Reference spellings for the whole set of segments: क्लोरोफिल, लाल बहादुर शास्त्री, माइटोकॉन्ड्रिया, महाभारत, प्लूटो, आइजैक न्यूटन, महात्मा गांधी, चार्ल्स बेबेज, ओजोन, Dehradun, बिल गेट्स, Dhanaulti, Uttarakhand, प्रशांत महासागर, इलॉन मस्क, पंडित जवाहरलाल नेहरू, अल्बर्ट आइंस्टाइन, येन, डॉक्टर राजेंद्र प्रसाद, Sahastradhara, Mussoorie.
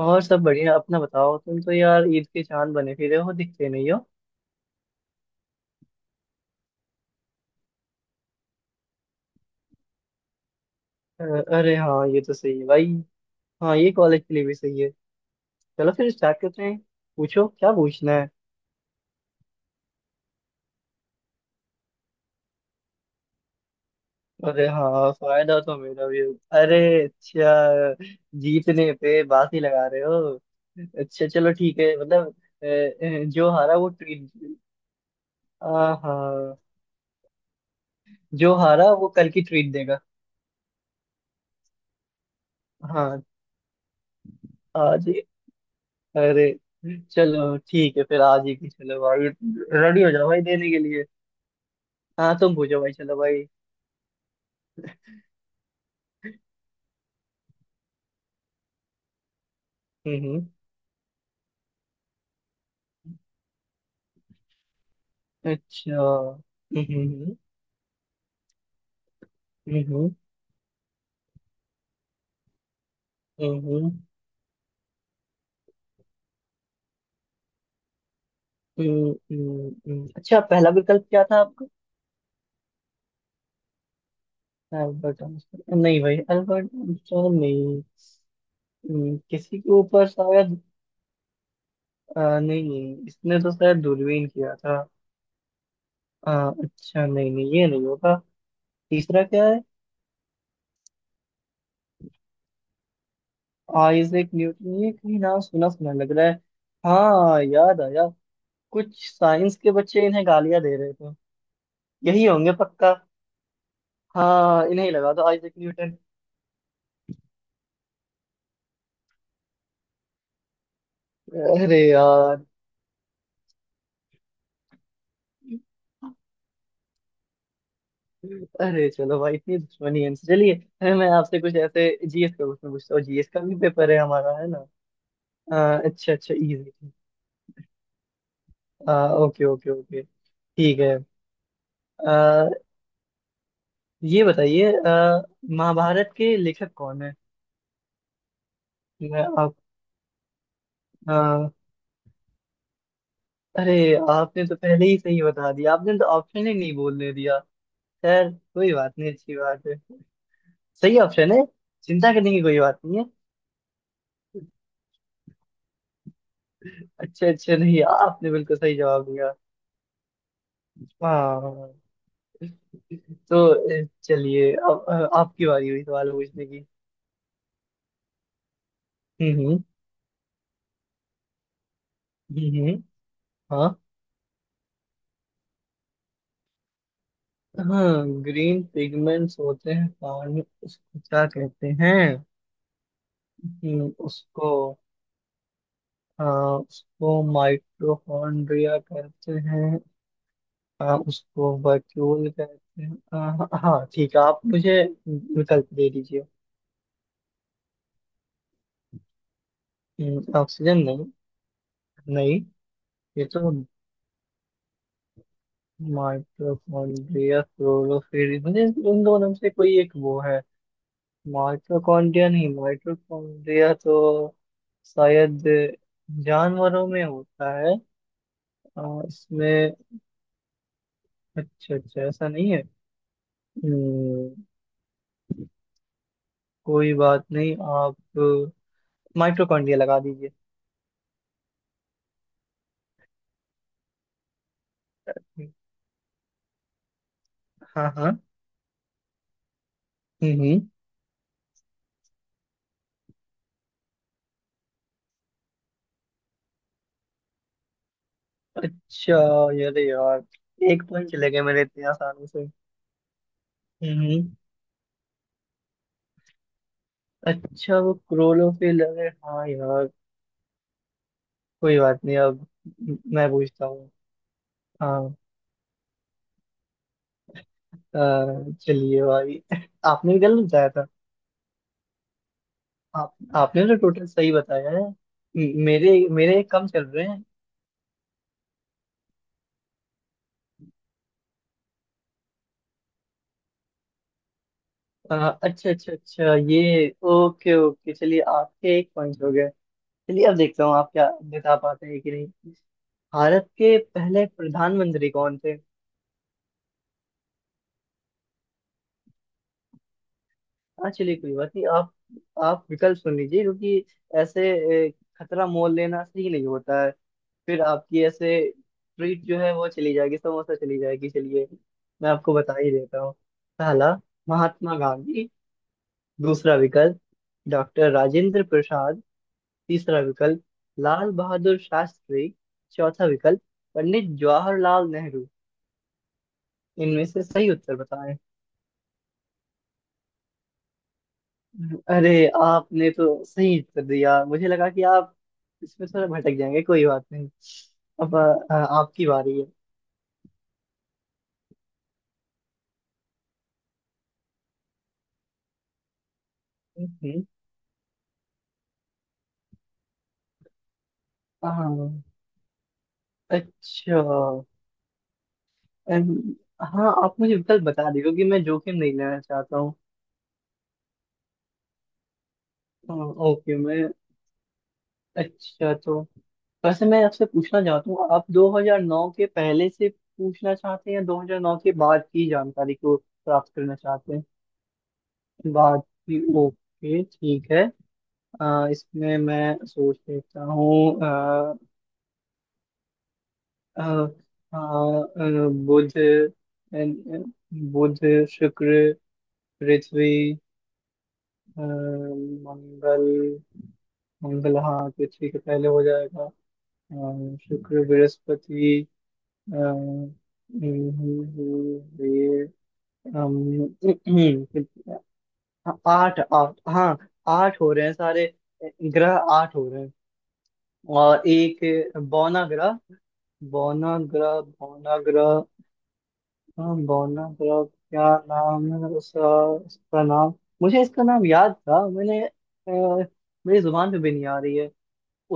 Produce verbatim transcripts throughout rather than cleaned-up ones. और सब बढ़िया अपना बताओ तुम तो यार ईद के चांद बने फिरे हो दिखते नहीं हो। अ, अरे हाँ ये तो सही है भाई। हाँ ये कॉलेज के लिए भी सही है। चलो फिर स्टार्ट करते हैं। पूछो क्या पूछना है। अरे हाँ फायदा तो मेरा भी हो। अरे अच्छा, जीतने पे बात ही लगा रहे हो। अच्छा चलो ठीक है मतलब अ, अ, जो हारा वो ट्रीट। हाँ जो हारा वो कल की ट्रीट देगा। हाँ आज। अरे चलो ठीक है फिर आज ही की चलो भाई। रेडी हो जाओ भाई देने के लिए। हाँ तुम पूछो भाई चलो भाई। हम्म हम्म। अच्छा हम्म हम्म। हम्म हम्म। हम्म, हम्म, हम्म। अच्छा पहला विकल्प क्या था आपका। अल्बर्ट आइंस्टाइन नहीं भाई, अल्बर्ट आइंस्टाइन नहीं। हम्म, किसी के ऊपर शायद। अ, नहीं, इसने तो शायद दूरबीन किया था। अ, अच्छा नहीं नहीं ये नहीं होगा। तीसरा क्या। आइजैक न्यूटन ये कहीं नाम सुना सुना लग रहा है। हाँ याद आया। कुछ साइंस के बच्चे इन्हें गालियां दे रहे थे, यही होंगे पक्का। हाँ इन्हें ही लगा दो, आइजैक न्यूटन। अरे यार। अरे चलो भाई, इतनी दुश्मनी है इनसे। चलिए अरे, मैं आपसे कुछ ऐसे जीएस का क्वेश्चन पूछता हूँ, जीएस का भी पेपर है हमारा, है ना। अ, अच्छा अच्छा इजी। Okay okay okay. ठीक है। अ, ये बताइए अ, महाभारत के लेखक कौन है। मैं। आप। अरे आपने तो पहले ही सही बता दिया, आपने तो ऑप्शन ही नहीं बोलने दिया। खैर कोई बात नहीं, अच्छी बात है। सही ऑप्शन है। चिंता करने की कोई बात नहीं है। अच्छे अच्छे, नहीं आपने बिल्कुल सही जवाब दिया। हाँ। तो अ, चलिए अब अ, आपकी बारी हुई सवाल पूछने की। हम्म हम्म। हम्म, हम्म। हाँ हाँ। ग्रीन पिगमेंट्स होते हैं पानी में, उसको क्या कहते हैं। हम्म, उसको हाँ उसको माइटोकॉन्ड्रिया कहते हैं। आ, उसको वर्क्यूल कहते हैं। आ, हाँ ठीक है, आप मुझे विकल्प दे दीजिए। हम्म, ऑक्सीजन नहीं। नहीं ये तो। माइटोकॉन्ड्रिया क्लोरोफिल मुझे उन दोनों में से कोई एक वो है। माइटोकॉन्ड्रिया नहीं, माइटोकॉन्ड्रिया तो शायद जानवरों में होता है। आ, इसमें अच्छा अच्छा ऐसा नहीं है। हम्म, कोई बात नहीं आप माइटोकॉन्ड्रिया लगा दीजिए। हाँ हाँ। हम्म हम्म। अच्छा यार यार एक पॉइंट चले गए मेरे इतने आसानी से। हम्म अच्छा वो क्रोलो पे लगे हाँ यार। कोई बात नहीं अब म- मैं पूछता हूँ। हाँ अ, चलिए भाई आपने भी गलत बताया था। आप आपने तो टोटल सही बताया है, म- मेरे मेरे कम चल रहे हैं। अ, अच्छा अच्छा अच्छा ये ओके ओके चलिए आपके एक पॉइंट हो गए। चलिए अब देखता हूँ आप क्या बता पाते हैं कि नहीं। भारत के पहले प्रधानमंत्री कौन थे। हाँ चलिए कोई बात नहीं आप आप विकल्प सुन लीजिए क्योंकल ऐसे ए, खतरा मोल लेना सही नहीं होता है। फिर आपकी ऐसे ट्रीट जो है वो चली जाएगी, समोसा चली जाएगी। चलिए मैं आपको बता ही देता हूँ। पहला महात्मा गांधी। दूसरा विकल्प डॉक्टर राजेंद्र प्रसाद। तीसरा विकल्प लाल बहादुर शास्त्री। चौथा विकल्प पंडित जवाहरलाल नेहरू। इनमें से सही उत्तर बताएं। अरे आपने तो सही उत्तर दिया, मुझे लगा कि आप इसमें थोड़ा भटक जाएंगे, कोई बात नहीं। अब अ, आपकी बारी है। हम्म। हाँ अच्छा अम, हाँ आप मुझे विकल्प बता दीजिए क्योंकि मैं जोखिम नहीं लेना चाहता हूँ। हाँ, ओके मैं अच्छा तो वैसे मैं आपसे पूछना चाहता हूँ, आप दो हज़ार नौ के पहले से पूछना चाहते हैं या दो हज़ार नौ के बाद की जानकारी को प्राप्त करना चाहते हैं। बाद की ओके ठीक है। अ, इसमें मैं सोच लेता हूँ। अ, अ, अ, अ, बुध अ, बुध शुक्र पृथ्वी अ, मंगल। मंगल हाँ पृथ्वी के पहले हो जाएगा। अ, शुक्र बृहस्पति अ, ये अम, आठ आठ हाँ आठ हो रहे हैं सारे ग्रह, आठ हो रहे हैं। और एक बौना ग्रह। बौनाग्रह बौनाग्रह। हाँ बौनाग्रह। क्या नाम है उसका, उसका नाम मुझे इसका नाम याद था, मैंने अ, मेरी जुबान पे भी नहीं आ रही है।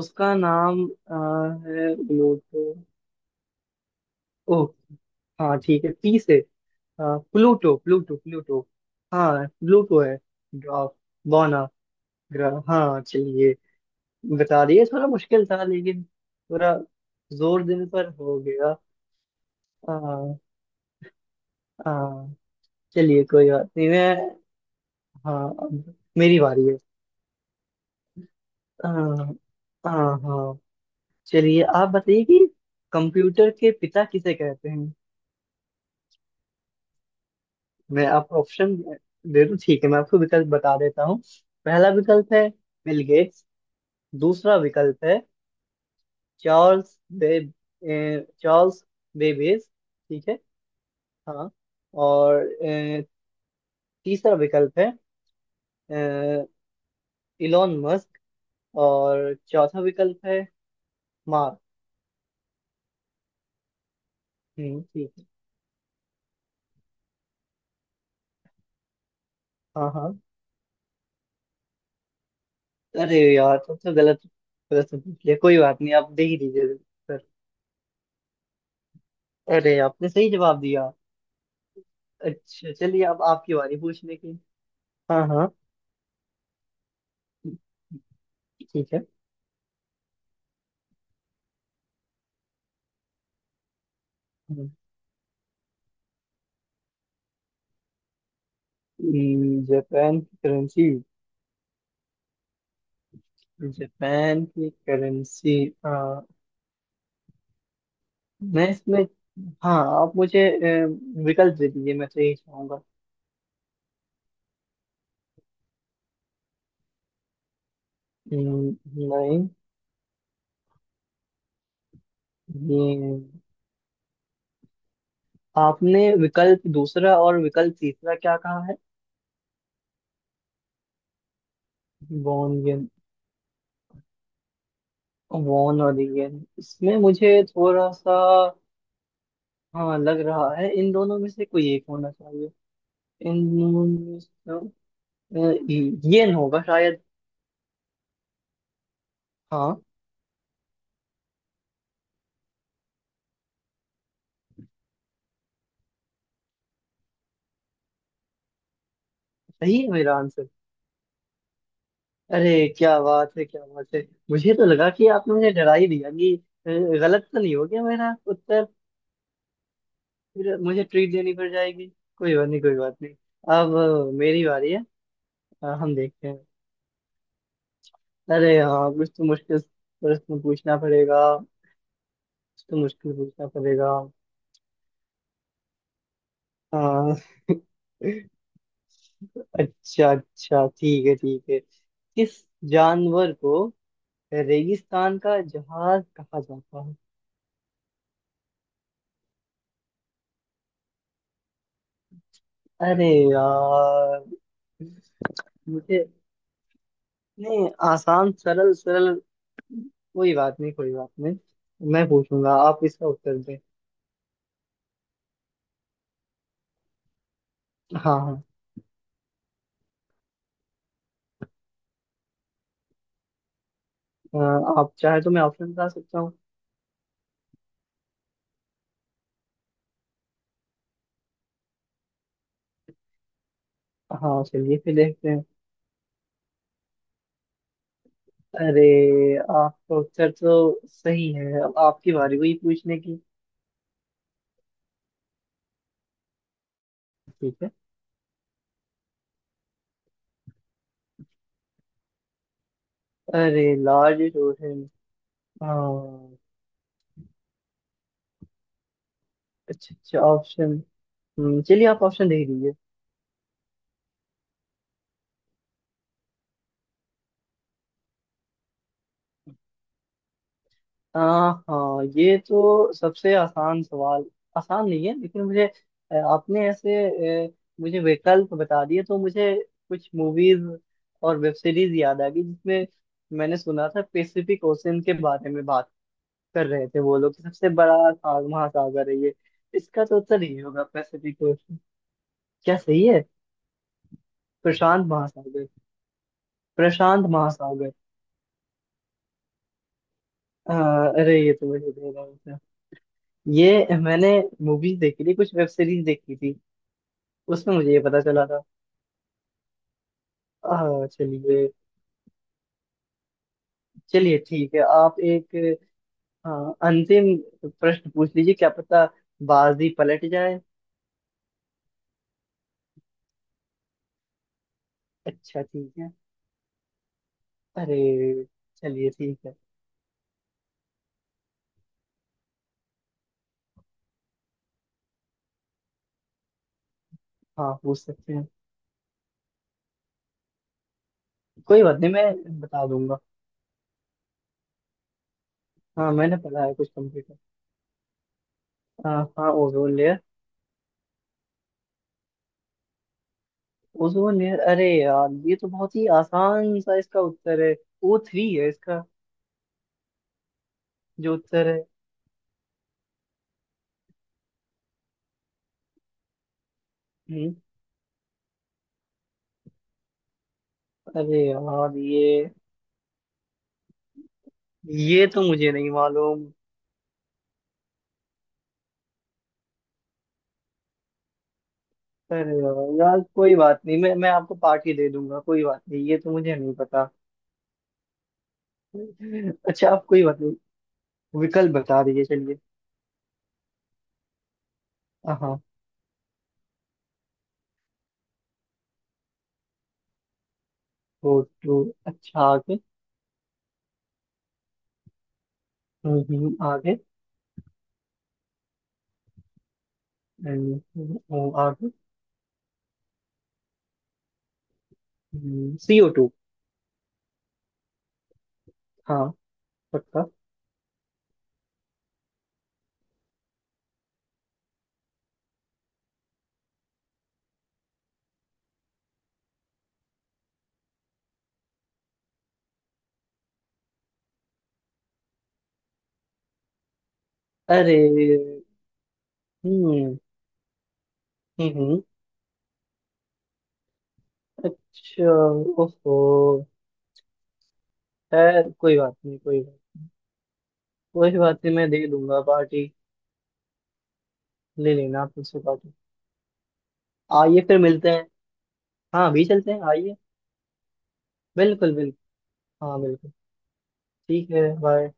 उसका नाम अ, है प्लूटो। ओह हाँ ठीक है पी से। अ, प्लूटो प्लूटो प्लूटो। हाँ प्लूटो है। ग्राफ बौना ग्रह बौनाग्रह हाँ चलिए बता दिए, थोड़ा मुश्किल था लेकिन थोड़ा जोर देने पर हो गया। हाँ हाँ चलिए कोई बात नहीं मैं। हाँ अब मेरी बारी है। हाँ हाँ हाँ चलिए आप बताइए कि कंप्यूटर के पिता किसे कहते हैं। मैं आपको ऑप्शन दे दूं ठीक है, मैं आपको विकल्प बता देता हूँ। पहला विकल्प है बिल गेट्स। दूसरा विकल्प है चार्ल्स बे, ए, चार्ल्स बेबेज। ठीक है हाँ। और ए, तीसरा विकल्प है इलॉन मस्क। और चौथा विकल्प है मार्क। हम्म ठीक है हाँ हाँ अरे यार सबसे गलत प्रश्न पूछ लिया, कोई बात नहीं आप दे ही दीजिए सर। अरे आपने सही जवाब दिया। अच्छा चलिए अब आपकी बारी पूछने की। हाँ हाँ ठीक है। हम्म, जापान की करेंसी। जापान की करेंसी। हाँ मैं इसमें हाँ आप मुझे अ, विकल्प दे दीजिए, मैं तो यही चाहूंगा। हम्म, नहीं। ये आपने विकल्प दूसरा और विकल्प तीसरा क्या कहा है। बॉन्ड वॉन और रिगन, इसमें मुझे थोड़ा सा हाँ लग रहा है, इन दोनों में से कोई एक होना चाहिए। इन दोनों में से अ, येन होगा शायद। हाँ सही है मेरा आंसर। अरे क्या बात है क्या बात है, मुझे तो लगा कि आपने मुझे डरा ही दिया कि अ, गलत तो नहीं हो गया मेरा उत्तर। फिर मुझे ट्रीट देनी पड़ जाएगी। कोई बात नहीं कोई बात नहीं। अब अ, मेरी बारी है। अ, हम देखते हैं। अरे हाँ कुछ तो मुश्किल प्रश्न पूछना पड़ेगा। कुछ तो मुश्किल पूछना पड़ेगा। हाँ अच्छा अच्छा ठीक है ठीक है किस जानवर को रेगिस्तान का जहाज कहा जाता है। अरे यार मुझे नहीं, आसान सरल सरल। कोई बात नहीं कोई बात नहीं, मैं पूछूंगा आप इसका उत्तर दें। हाँ हाँ। अ, आप चाहे तो मैं ऑप्शन बता सकता हूँ। हाँ चलिए फिर देखते हैं। अरे आपका उत्तर तो सही है, अब आपकी बारी हुई पूछने की। ठीक है। अरे लार्ज हाँ अच्छा अच्छा ऑप्शन। हम्म, चलिए आप ऑप्शन दे दीजिए। हाँ हाँ ये तो सबसे आसान सवाल, आसान नहीं है लेकिन मुझे अ, आपने ऐसे अ, मुझे विकल्प बता दिए तो मुझे कुछ मूवीज और वेब सीरीज याद आ गई, जिसमें मैंने सुना था पैसिफिक ओशन के बारे में बात कर रहे थे वो लोग कि सबसे बड़ा सा- महासागर है ये। इसका तो उत्तर ही होगा पैसिफिक ओशन। क्या सही है। प्रशांत महासागर। प्रशांत महासागर। हाँ अरे ये तो मुझे दे रहा हूँ था। ये मैंने मूवीज देखी थी, कुछ वेब सीरीज देखी थी, उसमें मुझे ये पता चला था। हाँ चलिए। चलिए ठीक है आप एक हाँ अंतिम प्रश्न पूछ लीजिए, क्या पता बाजी पलट जाए। अच्छा ठीक है। अरे चलिए ठीक है। हाँ पूछ सकते हैं, कोई बात नहीं मैं बता दूंगा। हाँ मैंने पढ़ा है कुछ कंप्यूटर। हाँ हाँ ओजोन लेयर। ओजोन लेयर अरे यार ये तो बहुत ही आसान सा, इसका उत्तर है ओ थ्री है इसका जो उत्तर है। हम्म, अरे यार ये ये तो मुझे नहीं मालूम। अरे यार यार, कोई बात नहीं मैं मैं आपको पार्टी दे दूंगा, कोई बात नहीं ये तो मुझे नहीं पता। अच्छा आप कोई बात नहीं विकल्प बता दीजिए चलिए। हाँ फोटो अच्छा आगे। हम्म हम्म, आगे। हम्म, हम्म, आगे। CO two. हाँ पक्का। अरे हम्म हम्म अच्छा ओहो। खैर कोई बात नहीं कोई बात, कोई बात नहीं मैं दे दूंगा पार्टी, ले लेना आप मुझसे काटो। आइए फिर मिलते हैं। हाँ अभी चलते हैं आइए। बिल्कुल बिल्कुल। हाँ बिल्कुल। ठीक है बाय।